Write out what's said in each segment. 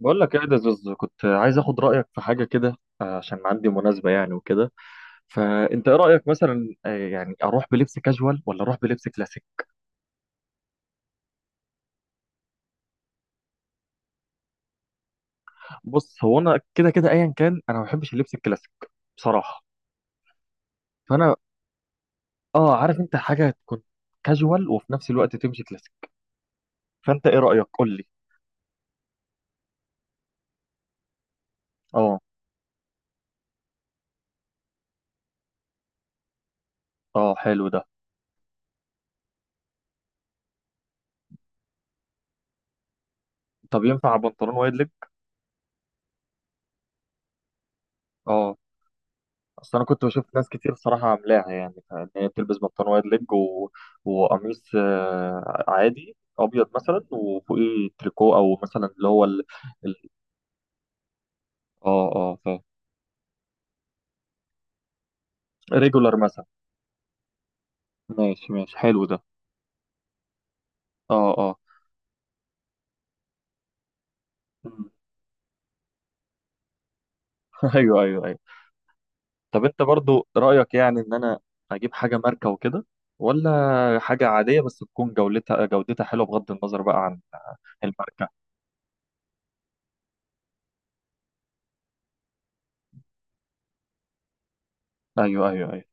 بقول لك ايه ده زوز. كنت عايز اخد رايك في حاجه كده. عشان عندي مناسبه يعني وكده. فانت ايه رايك مثلا؟ يعني اروح بلبس كاجوال ولا اروح بلبس كلاسيك؟ بص، هو انا كده كده ايا كان انا ما بحبش اللبس الكلاسيك بصراحه. فانا اه، عارف انت حاجه تكون كاجوال وفي نفس الوقت تمشي كلاسيك. فانت ايه رايك؟ قول لي. اه. اه، حلو ده. طب ينفع بنطلون وايد ليج؟ اه. اصل انا كنت بشوف ناس كتير صراحه عاملاها، يعني ان هي بتلبس بنطلون وايد ليج وقميص عادي ابيض مثلا وفوقيه تريكو او مثلا اللي هو ال... اه اه، فاهم. ريجولار مثلا. ماشي ماشي، حلو ده. اه اه. مم. ايوه ايوه ايوه. طب انت برضو رايك يعني ان انا اجيب حاجه ماركه وكده، ولا حاجه عاديه بس تكون جودتها حلوه بغض النظر بقى عن الماركه؟ ايوه ايوه ايوه.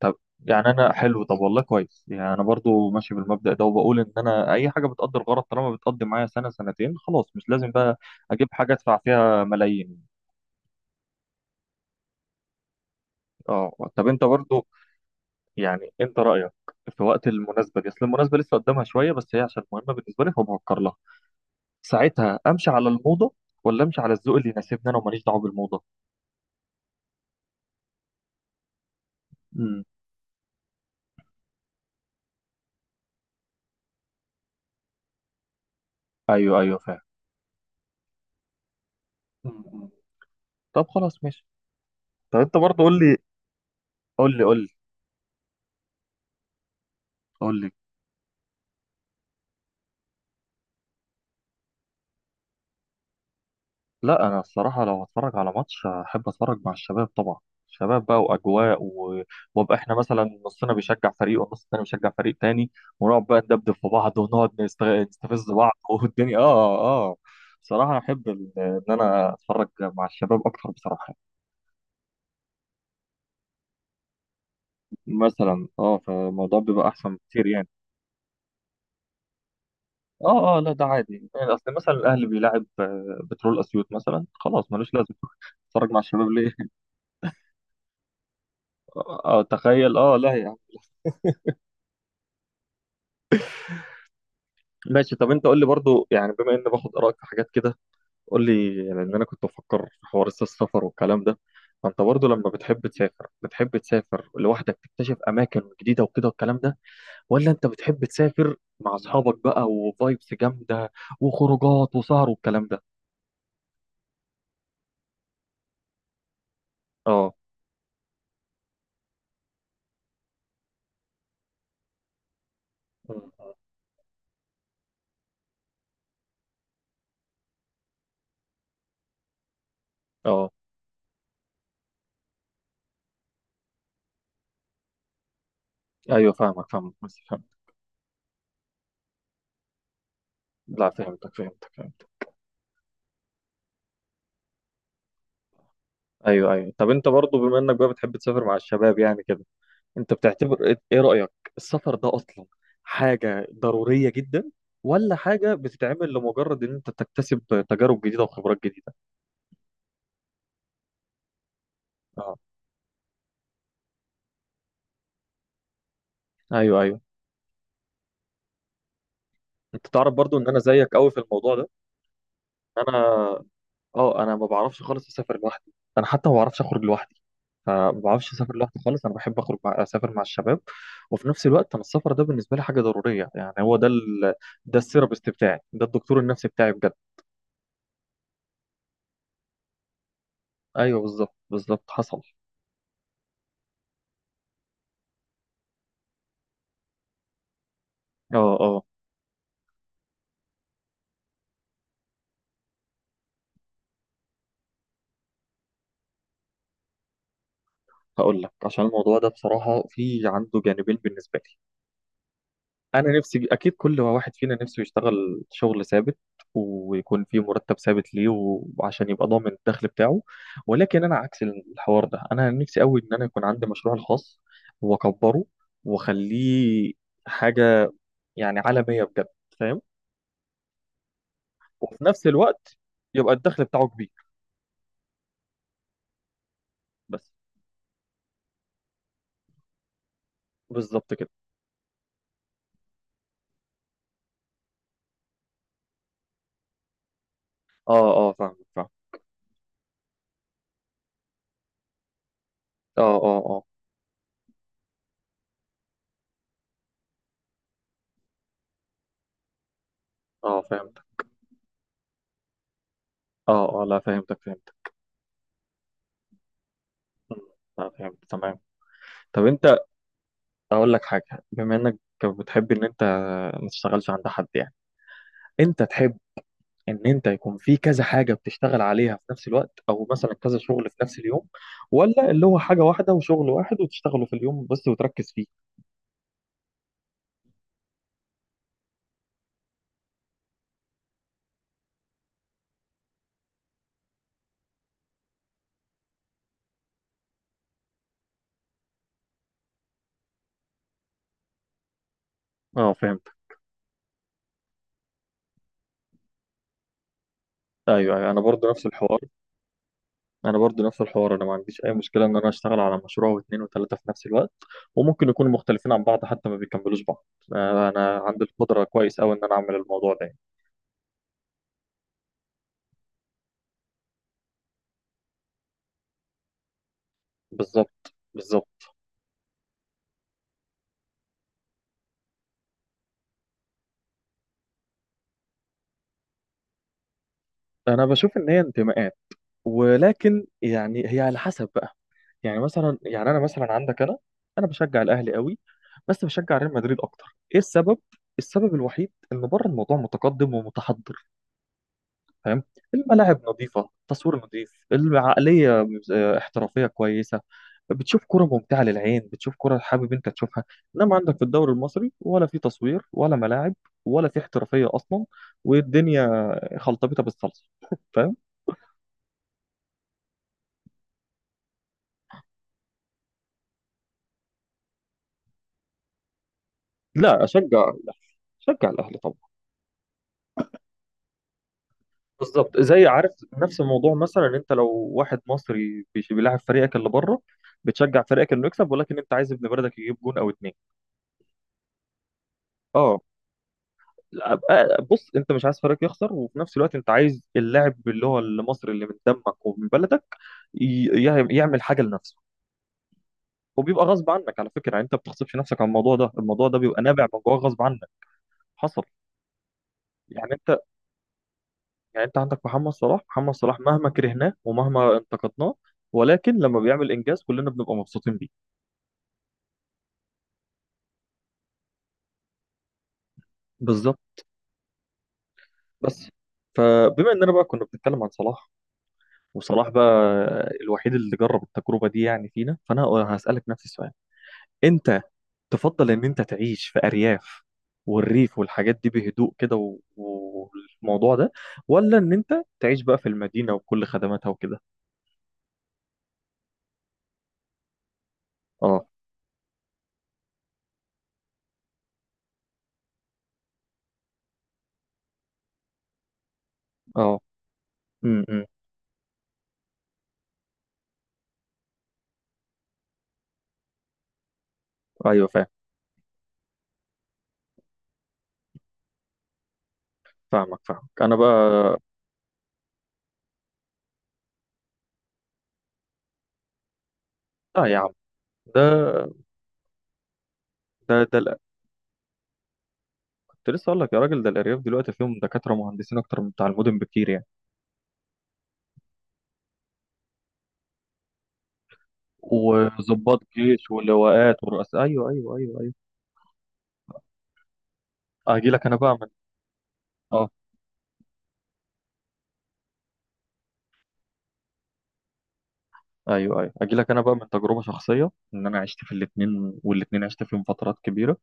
طب يعني انا حلو، طب والله كويس، يعني انا برضو ماشي بالمبدأ ده، وبقول ان انا اي حاجه بتقضي الغرض طالما بتقضي معايا سنه سنتين خلاص، مش لازم بقى اجيب حاجه ادفع فيها ملايين. اه. طب انت برضو يعني، انت رايك في وقت المناسبه دي، اصل المناسبه لسه قدامها شويه بس هي عشان مهمه بالنسبه لي فبفكر لها، ساعتها امشي على الموضه ولا امشي على الذوق اللي يناسبني انا وماليش دعوه بالموضه؟ امم. ايوه ايوه فاهم. م- م. طب خلاص ماشي. طب انت برضو قول لي. قول لي قول لي قول لي. لا انا الصراحه لو هتفرج على ماتش احب اتفرج مع الشباب طبعا. شباب بقى واجواء وابقى احنا مثلا نصنا بيشجع فريق والنص التاني بيشجع فريق تاني، ونقعد بقى ندبدب في بعض ونقعد نستفز بعض والدنيا، اه. اه، بصراحه احب ان انا اتفرج مع الشباب اكتر بصراحه. مثلا اه، فالموضوع بيبقى احسن بكتير يعني. اه اه، لا ده عادي يعني، اصل مثلا الاهلي بيلاعب بترول اسيوط مثلا، خلاص ملوش لازمه اتفرج مع الشباب ليه؟ اه، تخيل. اه لا يا عم. ماشي. طب انت قول لي برضو، يعني بما اني باخد ارائك في حاجات كده، قول لي، لان انا كنت بفكر في حوار السفر والكلام ده. فانت برضو لما بتحب تسافر، بتحب تسافر لوحدك تكتشف اماكن جديده وكده والكلام ده، ولا انت بتحب تسافر مع اصحابك بقى وفايبس جامده وخروجات وسهر والكلام ده؟ اه. مم. اه. ايوه، فاهمك فاهمك بس فهمت. لا فهمتك فهمتك فهمت. ايوه ايوه. طب انت برضو، بما انك بقى بتحب تسافر مع الشباب يعني كده، انت بتعتبر إيه رأيك، السفر ده اصلا حاجة ضرورية جدا، ولا حاجة بتتعمل لمجرد ان انت تكتسب تجارب جديدة وخبرات جديدة؟ اه. ايوه ايوه. انت تعرف برضو ان انا زيك قوي في الموضوع ده. انا اه، انا ما بعرفش خالص اسافر لوحدي. انا حتى ما بعرفش اخرج لوحدي، فما بعرفش اسافر لوحدي خالص. انا بحب اخرج اسافر مع الشباب. وفي نفس الوقت انا السفر ده بالنسبة لي حاجة ضرورية، يعني هو ده ده السيرابست بتاعي، ده الدكتور النفسي بتاعي بجد. ايوه بالظبط بالظبط حصل. اه اه. هقول لك، عشان الموضوع ده بصراحة في عنده جانبين بالنسبة لي. أنا نفسي أكيد كل واحد فينا نفسه يشتغل شغل ثابت، ويكون فيه مرتب ثابت ليه، وعشان يبقى ضامن الدخل بتاعه. ولكن أنا عكس الحوار ده، أنا نفسي أوي إن أنا يكون عندي مشروع الخاص، وأكبره، وأخليه حاجة يعني عالمية بجد، فاهم؟ وفي نفس الوقت يبقى الدخل بتاعه كبير. بس بالظبط كده. أه أه فاهمك فاهم. أه أه أه أه فهمتك. أه أه لا فهمتك فهمتك. فهمت تمام. طب انت، اقول لك حاجه، بما انك بتحب ان انت ما تشتغلش عند حد يعني، انت تحب ان انت يكون في كذا حاجه بتشتغل عليها في نفس الوقت، او مثلا كذا شغل في نفس اليوم، ولا اللي هو حاجه واحده وشغل واحد وتشتغله في اليوم بس وتركز فيه؟ اه فهمت. ايوه ايوه. انا برضو نفس الحوار. انا ما عنديش اي مشكله ان انا اشتغل على مشروع واثنين وثلاثه في نفس الوقت، وممكن يكونوا مختلفين عن بعض حتى ما بيكملوش بعض. انا عندي القدره كويس قوي ان انا اعمل الموضوع ده. بالظبط بالظبط. انا بشوف ان هي انتماءات، ولكن يعني هي على حسب بقى، يعني مثلا، يعني انا مثلا عندك، انا انا بشجع الاهلي قوي، بس بشجع ريال مدريد اكتر. ايه السبب؟ السبب الوحيد ان بره الموضوع متقدم ومتحضر، فاهم. الملاعب نظيفه، تصوير نظيف، العقليه احترافيه كويسه. بتشوف كرة ممتعة للعين، بتشوف كرة حابب انت تشوفها. انما عندك في الدوري المصري، ولا في تصوير، ولا ملاعب، ولا في احترافية اصلا، والدنيا خلطبيطة بالصلصة. لا، اشجع الاهلي. اشجع الاهلي طبعا. بالظبط. زي عارف، نفس الموضوع مثلا، إن انت لو واحد مصري بيلاعب فريقك اللي بره، بتشجع فريقك انه يكسب، ولكن انت عايز ابن بلدك يجيب جون او اتنين. اه. لا، بص، انت مش عايز فريقك يخسر، وفي نفس الوقت انت عايز اللاعب اللي هو المصري اللي من دمك ومن بلدك يعمل حاجه لنفسه. وبيبقى غصب عنك على فكره، يعني انت ما بتغصبش نفسك على الموضوع ده، الموضوع ده بيبقى نابع من جوه غصب عنك. حصل. يعني انت، عندك محمد صلاح، محمد صلاح مهما كرهناه ومهما انتقدناه، ولكن لما بيعمل انجاز كلنا بنبقى مبسوطين بيه. بالظبط. بس فبما اننا بقى كنا بنتكلم عن صلاح، وصلاح بقى الوحيد اللي جرب التجربة دي يعني فينا، فانا هسألك نفس السؤال. انت تفضل ان انت تعيش في ارياف والريف والحاجات دي بهدوء كده والموضوع ده، ولا ان انت تعيش بقى في المدينة وكل خدماتها وكده؟ اه اه. امم. أمم. ايوه فاهم. فاهمك فاهمك. انا بقى، لا يا عم. ده ده ده الأ- كنت لسه اقول لك يا راجل، ده الارياف دلوقتي فيهم دكاتره ومهندسين اكتر من بتاع المدن بكتير يعني، وضباط جيش ولواءات ورؤساء. ايوه ايوه ايوه ايوه. اجي لك انا بقى من، اه، ايوه ايوه، اجي لك انا بقى من تجربه شخصيه ان انا عشت في الاثنين، والاثنين عشت فيهم فترات كبيره.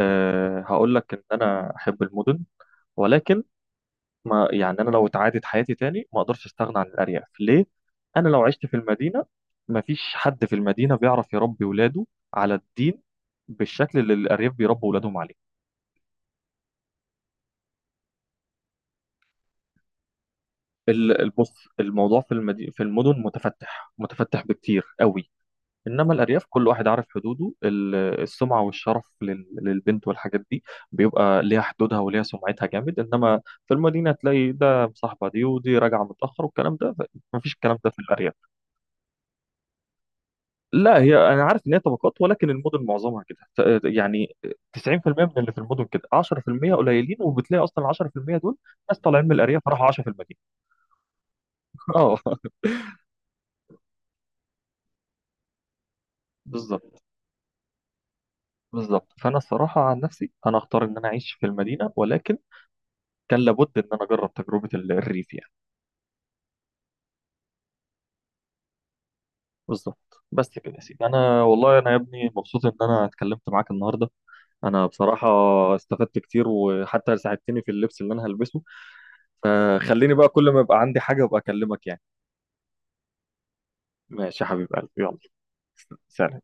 أه، هقول لك ان انا احب المدن، ولكن ما يعني انا لو اتعادت حياتي تاني ما اقدرش استغنى عن الارياف. ليه؟ انا لو عشت في المدينه، ما فيش حد في المدينه بيعرف يربي ولاده على الدين بالشكل اللي الارياف بيربوا ولادهم عليه. البص، الموضوع في في المدن متفتح، متفتح بكتير قوي، انما الارياف كل واحد عارف حدوده. السمعه والشرف للبنت والحاجات دي بيبقى ليها حدودها وليها سمعتها جامد. انما في المدينه تلاقي ده مصاحبه دي ودي راجعه متاخر والكلام ده، مفيش الكلام ده في الارياف. لا، هي انا عارف ان هي طبقات، ولكن المدن معظمها كده، يعني 90% من اللي في المدن كده، 10% قليلين، وبتلاقي اصلا ال 10% دول ناس طالعين من الارياف راحوا عاشوا في المدينه. اه بالظبط بالظبط. فانا الصراحه عن نفسي، انا اختار ان انا اعيش في المدينه، ولكن كان لابد ان انا اجرب تجربه الريف يعني. بالظبط. بس كده يا سيدي، انا والله، انا يا ابني مبسوط ان انا اتكلمت معاك النهارده. انا بصراحه استفدت كتير، وحتى ساعدتني في اللبس اللي انا هلبسه. فخليني بقى كل ما يبقى عندي حاجه ابقى اكلمك يعني. ماشي يا حبيب قلبي، يلا، سلام.